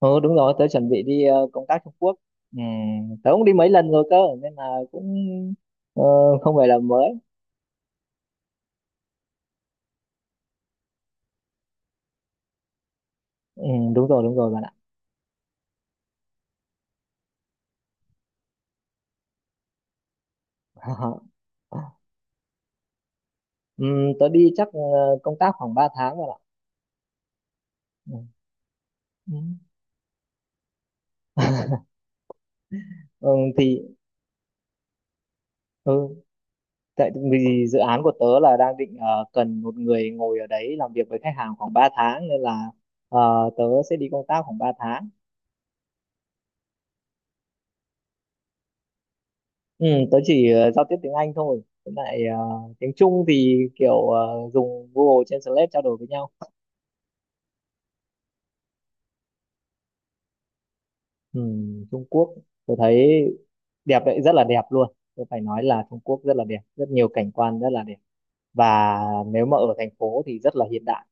Ừ, đúng rồi, tớ chuẩn bị đi công tác Trung Quốc. Ừ, tớ cũng đi mấy lần rồi cơ, nên là cũng ờ, không phải là mới. Ừ, đúng rồi bạn ạ. ừ, Tớ đi chắc công tác khoảng 3 tháng bạn ạ. Ừ. Ừ. Ừ, thì ừ, tại vì dự án của tớ là đang định cần một người ngồi ở đấy làm việc với khách hàng khoảng 3 tháng nên là tớ sẽ đi công tác khoảng 3 tháng. Ừ, tớ chỉ giao tiếp tiếng Anh thôi. Với lại tiếng Trung thì kiểu dùng Google Translate trao đổi với nhau. Ừ, Trung Quốc tôi thấy đẹp đấy, rất là đẹp luôn. Tôi phải nói là Trung Quốc rất là đẹp, rất nhiều cảnh quan rất là đẹp. Và nếu mà ở thành phố thì rất là hiện đại.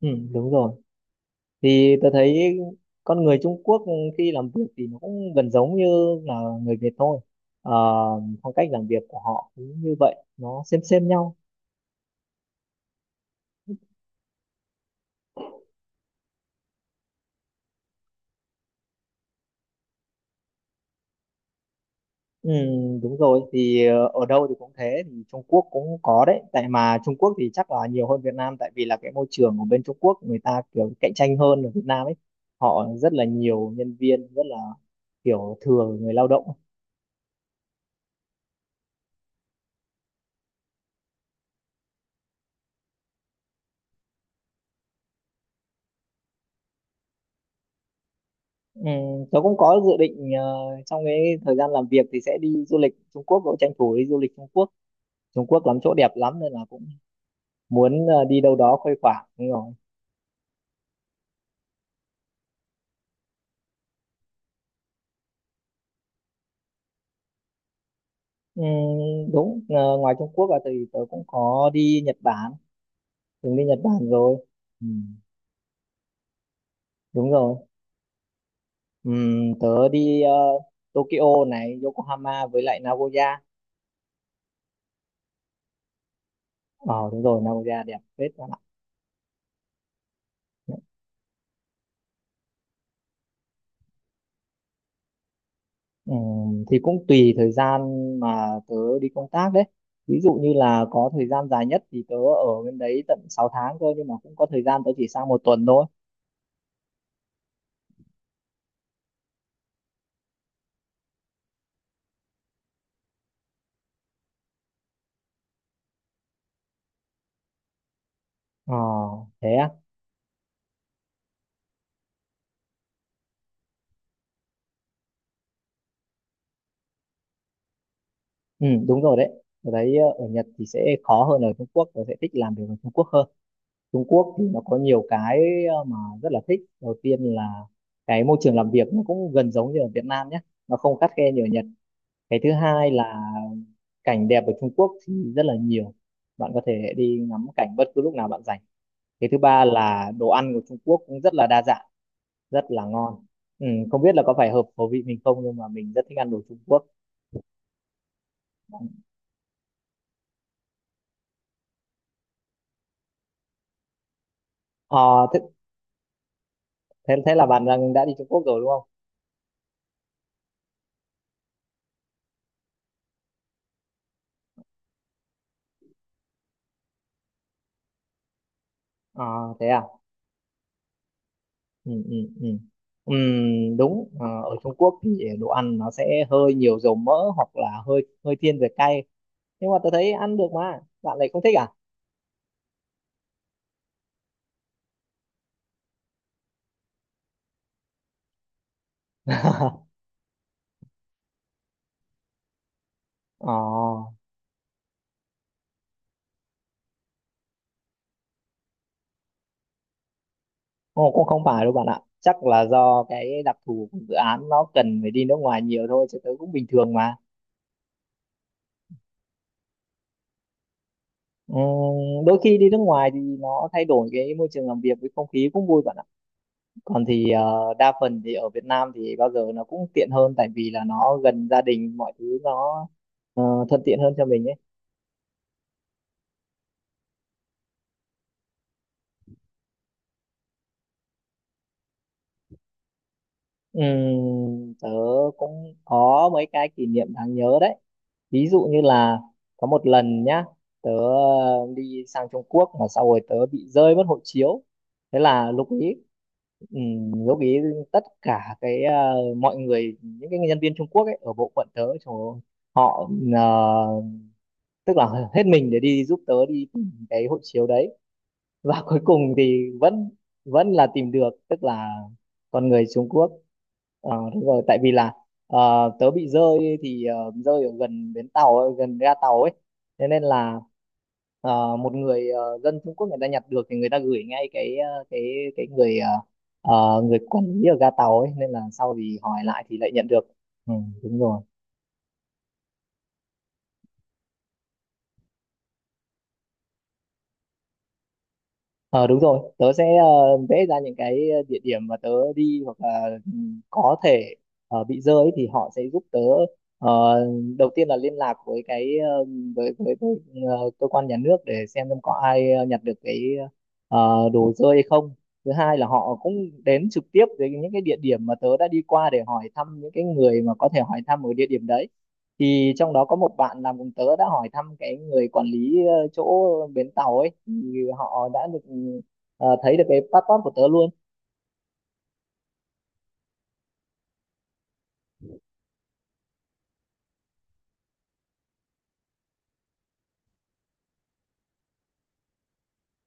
Ừ, đúng rồi. Thì tôi thấy con người Trung Quốc khi làm việc thì nó cũng gần giống như là người Việt thôi. Ờ, phong cách làm việc của họ cũng như vậy, nó xem nhau. Ừ, đúng rồi, thì ở đâu thì cũng thế, thì Trung Quốc cũng có đấy, tại mà Trung Quốc thì chắc là nhiều hơn Việt Nam, tại vì là cái môi trường ở bên Trung Quốc người ta kiểu cạnh tranh hơn ở Việt Nam ấy. Họ rất là nhiều nhân viên, rất là kiểu thừa người lao động. ừ, Tớ cũng có dự định trong cái thời gian làm việc thì sẽ đi du lịch Trung Quốc, cũng tranh thủ đi du lịch Trung Quốc. Trung Quốc lắm chỗ đẹp lắm nên là cũng muốn đi đâu đó khuây khỏa. Đúng rồi. Ừ, đúng, ngoài Trung Quốc là thì tớ cũng có đi Nhật Bản, từng đi Nhật Bản rồi. ừ, Đúng rồi. ừ, Tớ đi Tokyo này, Yokohama với lại Nagoya. Ờ Đúng rồi, Nagoya đẹp phết các bạn ạ. ừ, thì cũng tùy thời gian mà tớ đi công tác đấy. Ví dụ như là có thời gian dài nhất thì tớ ở bên đấy tận 6 tháng cơ, nhưng mà cũng có thời gian tớ chỉ sang một tuần thôi. ờ Thế á. Ừ, Đúng rồi đấy. Ở đấy ở Nhật thì sẽ khó hơn ở Trung Quốc. Tớ sẽ thích làm việc ở Trung Quốc hơn. Trung Quốc thì nó có nhiều cái mà rất là thích. Đầu tiên là cái môi trường làm việc nó cũng gần giống như ở Việt Nam nhé, nó không khắt khe như ở Nhật. Cái thứ hai là cảnh đẹp ở Trung Quốc thì rất là nhiều, bạn có thể đi ngắm cảnh bất cứ lúc nào bạn rảnh. Cái thứ ba là đồ ăn của Trung Quốc cũng rất là đa dạng, rất là ngon. Không biết là có phải hợp khẩu vị mình không, nhưng mà mình rất thích ăn đồ Trung Quốc. Ờ, thế, thế thế là bạn đang đã đi Trung Quốc rồi đúng không? Ờ, Thế à? Ừ, ừ, ừ. Đúng. Ờ, Ở Trung Quốc thì đồ ăn nó sẽ hơi nhiều dầu mỡ, hoặc là hơi hơi thiên về cay, nhưng mà tôi thấy ăn được mà bạn lại không thích à? Ờ, Ồ, cũng không phải đâu bạn ạ. Chắc là do cái đặc thù của dự án nó cần phải đi nước ngoài nhiều thôi chứ tớ cũng bình thường mà. Ừm, Đôi khi đi nước ngoài thì nó thay đổi cái môi trường làm việc với không khí cũng vui bạn ạ. Còn thì đa phần thì ở Việt Nam thì bao giờ nó cũng tiện hơn, tại vì là nó gần gia đình, mọi thứ nó thuận tiện hơn cho mình ấy. Tớ cũng có mấy cái kỷ niệm đáng nhớ đấy. Ví dụ như là có một lần nhá, tớ đi sang Trung Quốc mà sau rồi tớ bị rơi mất hộ chiếu. Thế là lúc ấy, ừm, lúc ấy tất cả cái mọi người, những cái nhân viên Trung Quốc ấy ở bộ phận tớ, trời ơi, họ ờ, tức là hết mình để đi giúp tớ đi tìm cái hộ chiếu đấy. Và cuối cùng thì vẫn vẫn là tìm được, tức là con người Trung Quốc. Ờ, đúng rồi, tại vì là tớ bị rơi, thì rơi ở gần bến tàu ấy, gần ga tàu ấy. Thế nên là một người dân Trung Quốc người ta nhặt được, thì người ta gửi ngay cái cái người ờ, người quản lý ở ga tàu ấy, nên là sau thì hỏi lại thì lại nhận được. ừ, Đúng rồi. Ờ, đúng rồi, tớ sẽ vẽ ra những cái địa điểm mà tớ đi, hoặc là có thể bị rơi ấy, thì họ sẽ giúp tớ. ờ, Đầu tiên là liên lạc với cái ờ, với ờ, cơ quan nhà nước để xem có ai nhặt được cái đồ rơi hay không. Thứ hai là họ cũng đến trực tiếp đến những cái địa điểm mà tớ đã đi qua để hỏi thăm những cái người mà có thể hỏi thăm ở địa điểm đấy. Thì trong đó có một bạn làm cùng tớ đã hỏi thăm cái người quản lý chỗ bến tàu ấy, thì họ đã được thấy được cái passport của tớ luôn.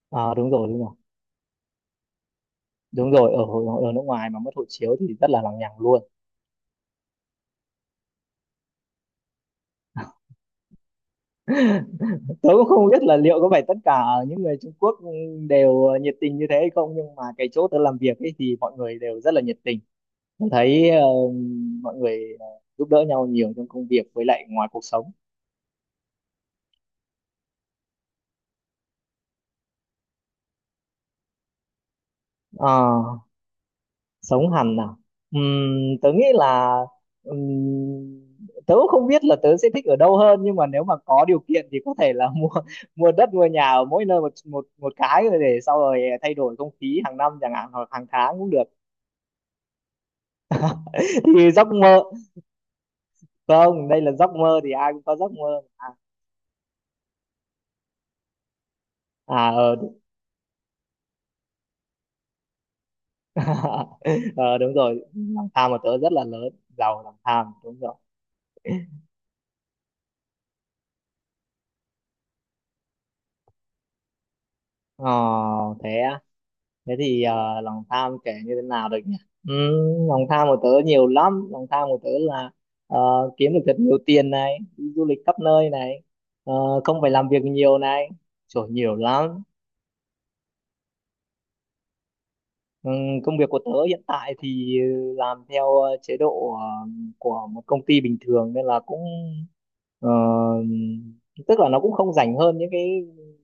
Ờ, đúng rồi, đúng rồi, đúng rồi. Ở ở nước ngoài mà mất hộ chiếu thì rất là lằng nhằng luôn. Tớ cũng không biết là liệu có phải tất cả những người Trung Quốc đều nhiệt tình như thế hay không, nhưng mà cái chỗ tớ làm việc ấy thì mọi người đều rất là nhiệt tình. Tớ thấy mọi người giúp đỡ nhau nhiều trong công việc với lại ngoài cuộc sống. Ờ Sống hẳn nào. Tớ nghĩ là, ừm, tớ cũng không biết là tớ sẽ thích ở đâu hơn, nhưng mà nếu mà có điều kiện thì có thể là mua mua đất, mua nhà ở mỗi nơi một một một cái rồi để sau rồi thay đổi không khí hàng năm chẳng hạn, hoặc hàng tháng cũng được. Thì giấc mơ, không, đây là giấc mơ, thì ai cũng có giấc mơ mà. À, à, đúng. Ờ, Đúng rồi, lòng tham của tớ rất là lớn. Giàu lòng tham, đúng rồi. ờ Thế á? Thế thì lòng tham kể như thế nào được nhỉ? Lòng tham của tớ nhiều lắm. Lòng tham của tớ là ờ, kiếm được thật nhiều tiền này, đi du lịch khắp nơi này, ờ, không phải làm việc nhiều này. Trời, nhiều lắm. Ừm, Công việc của tớ hiện tại thì làm theo chế độ của một công ty bình thường, nên là cũng ờ, tức là nó cũng không rảnh hơn những cái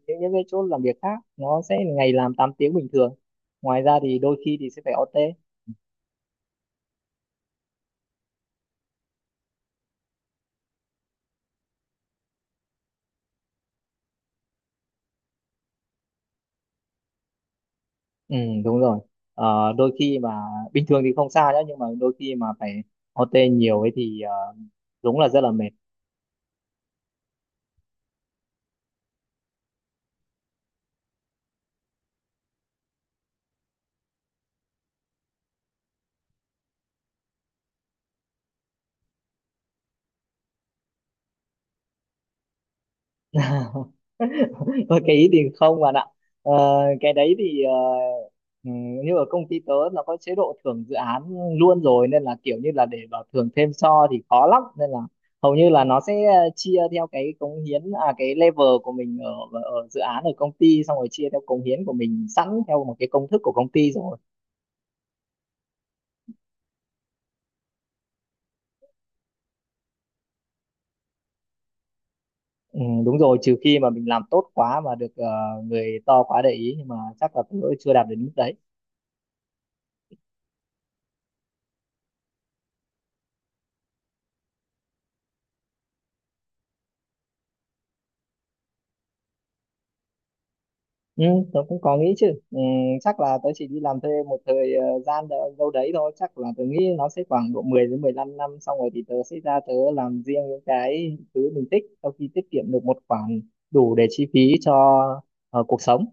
những, những cái chỗ làm việc khác. Nó sẽ ngày làm 8 tiếng bình thường, ngoài ra thì đôi khi thì sẽ phải OT. Ừ, đúng rồi. Đôi khi mà bình thường thì không sao nhá, nhưng mà đôi khi mà phải OT nhiều ấy thì đúng là rất là mệt. Thôi cái ý thì không bạn ạ. Ờ, cái đấy thì ừ, như ở công ty tớ nó có chế độ thưởng dự án luôn rồi, nên là kiểu như là để bảo thưởng thêm so thì khó lắm. Nên là hầu như là nó sẽ chia theo cái cống hiến, à, cái level của mình ở, dự án ở công ty, xong rồi chia theo cống hiến của mình sẵn theo một cái công thức của công ty rồi. Ừ, đúng rồi, trừ khi mà mình làm tốt quá mà được người to quá để ý, nhưng mà chắc là tớ chưa đạt đến mức đấy. ừ, Tớ cũng có nghĩ chứ. Ừ, Chắc là tớ chỉ đi làm thuê một thời gian đâu đấy thôi. Chắc là tớ nghĩ nó sẽ khoảng độ 10 đến 15 năm, xong rồi thì tớ sẽ ra tớ làm riêng những cái thứ mình thích, sau khi tiết kiệm được một khoản đủ để chi phí cho cuộc sống.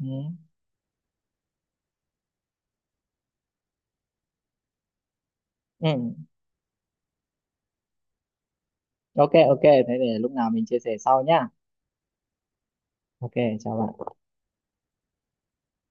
Ừ. Ừ. OK, OK, thế để lúc nào mình chia sẻ sau nhá. OK, chào bạn.